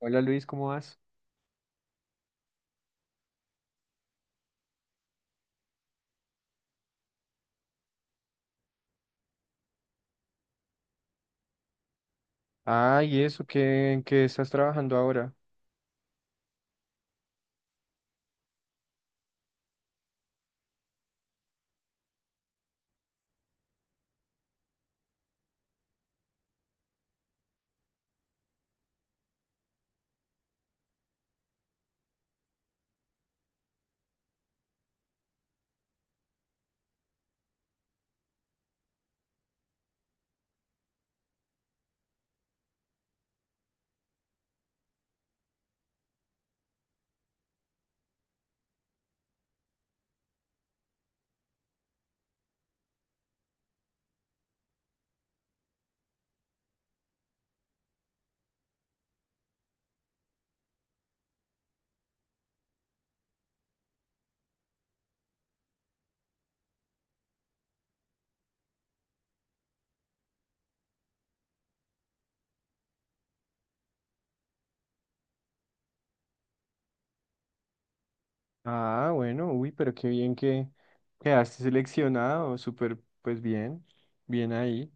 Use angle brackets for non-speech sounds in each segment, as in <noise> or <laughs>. Hola Luis, ¿cómo vas? Ah, ¿y eso? ¿Qué, en qué estás trabajando ahora? Ah, bueno, uy, pero qué bien que quedaste seleccionado, súper, pues bien, bien ahí.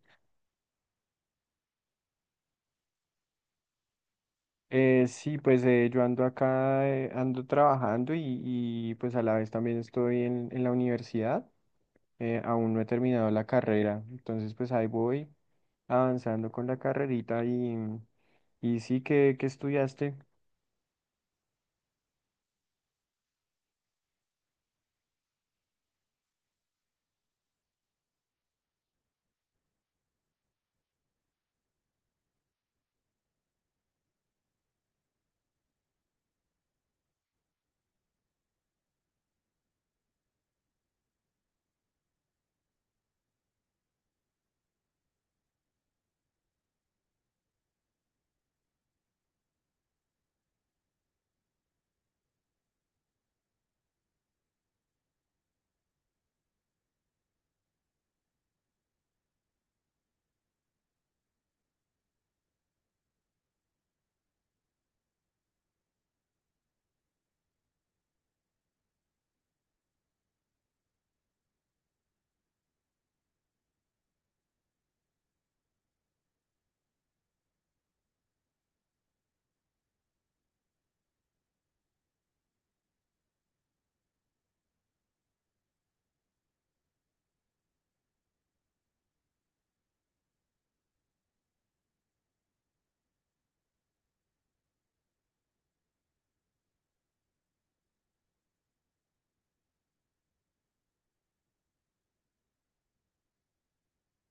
Sí, pues yo ando acá, ando trabajando y pues a la vez también estoy en la universidad, aún no he terminado la carrera, entonces pues ahí voy avanzando con la carrerita y sí, ¿qué, qué estudiaste?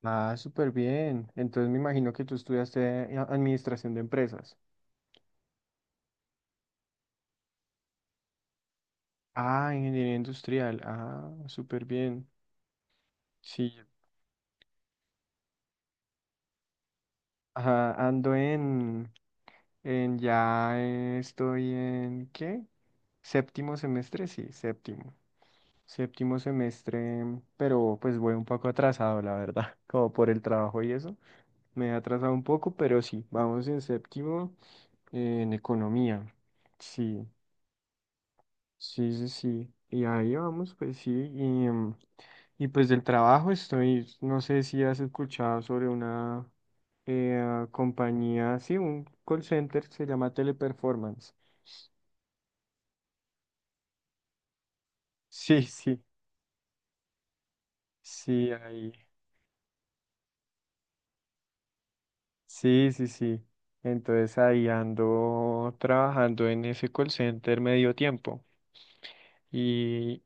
Ah, súper bien. Entonces me imagino que tú estudiaste administración de empresas. Ah, ingeniería industrial. Ah, súper bien. Sí. Ajá, ando en, ya estoy en, ¿qué? Séptimo semestre, sí, séptimo. Séptimo semestre, pero pues voy un poco atrasado, la verdad, <laughs> como por el trabajo y eso. Me he atrasado un poco, pero sí, vamos en séptimo en economía. Sí. Sí, sí, sí. Y ahí vamos, pues sí. Y, y pues del trabajo estoy, no sé si has escuchado sobre una compañía, sí, un call center, se llama Teleperformance. Sí, sí, sí, ahí. Sí, sí, sí. Entonces ahí ando trabajando en ese call center medio tiempo. Y,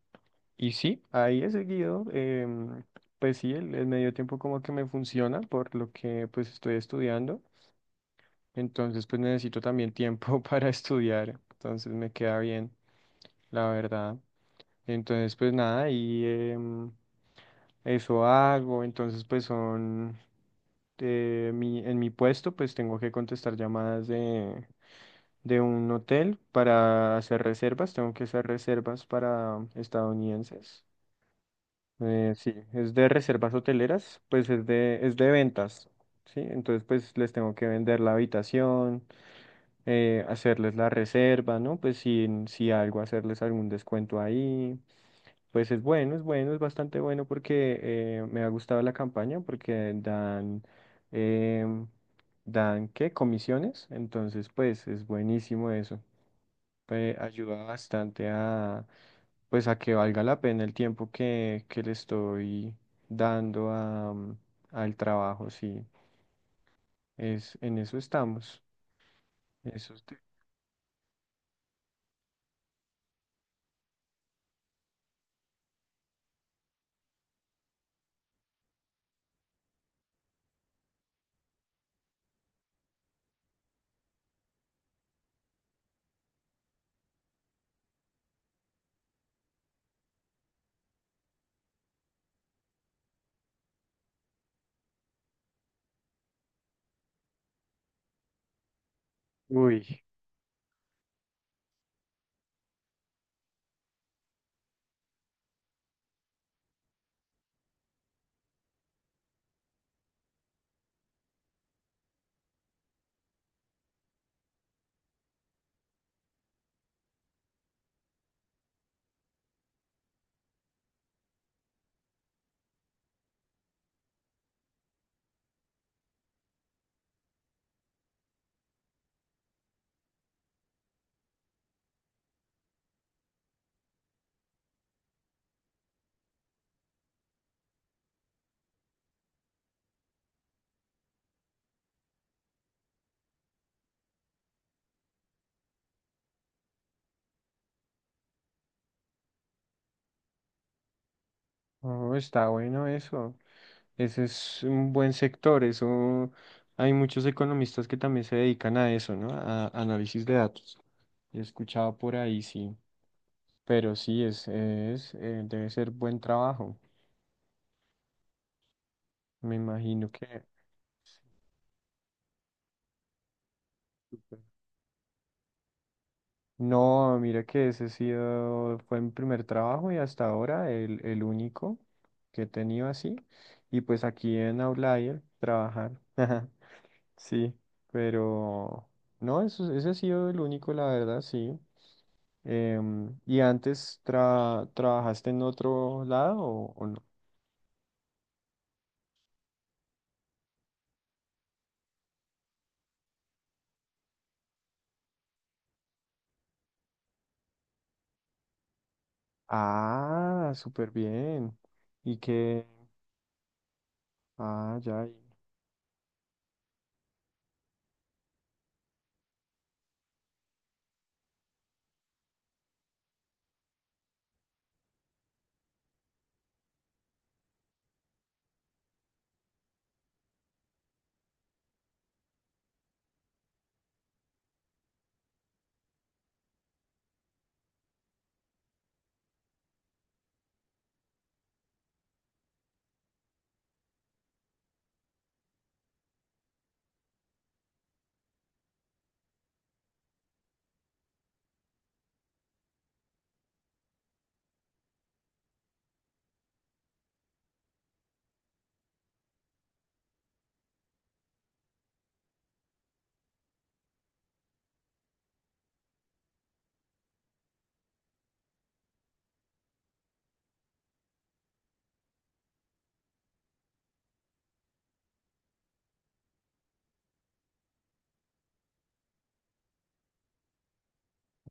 y sí, ahí he seguido. Pues sí, el medio tiempo como que me funciona por lo que pues estoy estudiando. Entonces, pues necesito también tiempo <laughs> para estudiar. Entonces me queda bien, la verdad. Entonces, pues nada, y em, eso hago. Entonces, pues son en mi puesto, pues tengo que contestar llamadas de un hotel para hacer reservas. Tengo que hacer reservas para estadounidenses. Sí, es de reservas hoteleras, pues es de ventas, ¿sí? Entonces, pues les tengo que vender la habitación, hacerles la reserva, ¿no? Pues si, si algo, hacerles algún descuento ahí. Pues es bueno, es bueno, es bastante bueno porque me ha gustado la campaña porque dan, em, dan, ¿qué? Comisiones. Entonces, pues es buenísimo eso. Ayuda bastante a, pues a que valga la pena el tiempo que le estoy dando a, al trabajo, sí. Es, en eso estamos. Eso te- Uy. Oh, está bueno eso. Ese es un buen sector. Eso hay muchos economistas que también se dedican a eso, ¿no? A análisis de datos. He escuchado por ahí, sí. Pero sí, es, debe ser buen trabajo. Me imagino que. Súper. No, mira que ese ha sido, fue mi primer trabajo y hasta ahora el único que he tenido así. Y pues aquí en Outlier, trabajar. <laughs> Sí, pero no, eso, ese ha sido el único, la verdad, sí. Em, ¿y antes trabajaste en otro lado o no? Ah, súper bien. ¿Y qué? Ah, ya.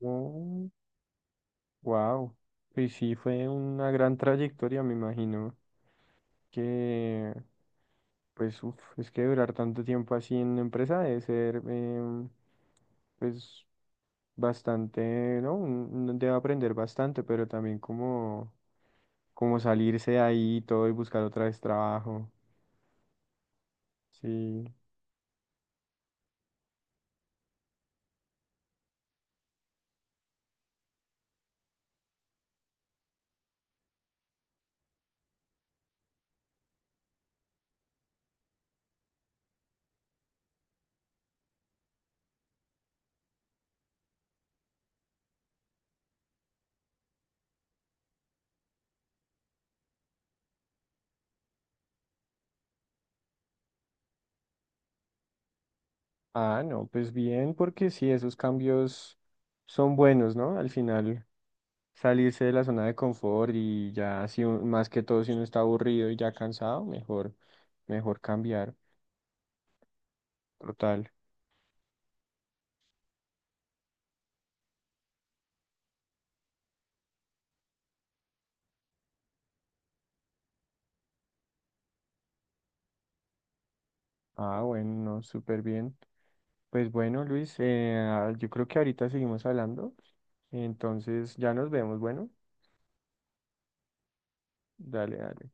Oh, wow. Y sí, fue una gran trayectoria, me imagino. Que, pues, uf, es que durar tanto tiempo así en la empresa debe ser, pues, bastante, ¿no? Un- Uno debe aprender bastante, pero también como, como salirse de ahí y todo y buscar otra vez trabajo. Sí. Ah, no, pues bien, porque sí, esos cambios son buenos, ¿no? Al final, salirse de la zona de confort y ya, si, un- más que todo, si uno está aburrido y ya cansado, mejor, mejor cambiar. Total. Ah, bueno, no, súper bien. Pues bueno, Luis, yo creo que ahorita seguimos hablando. Entonces ya nos vemos. Bueno, dale, dale.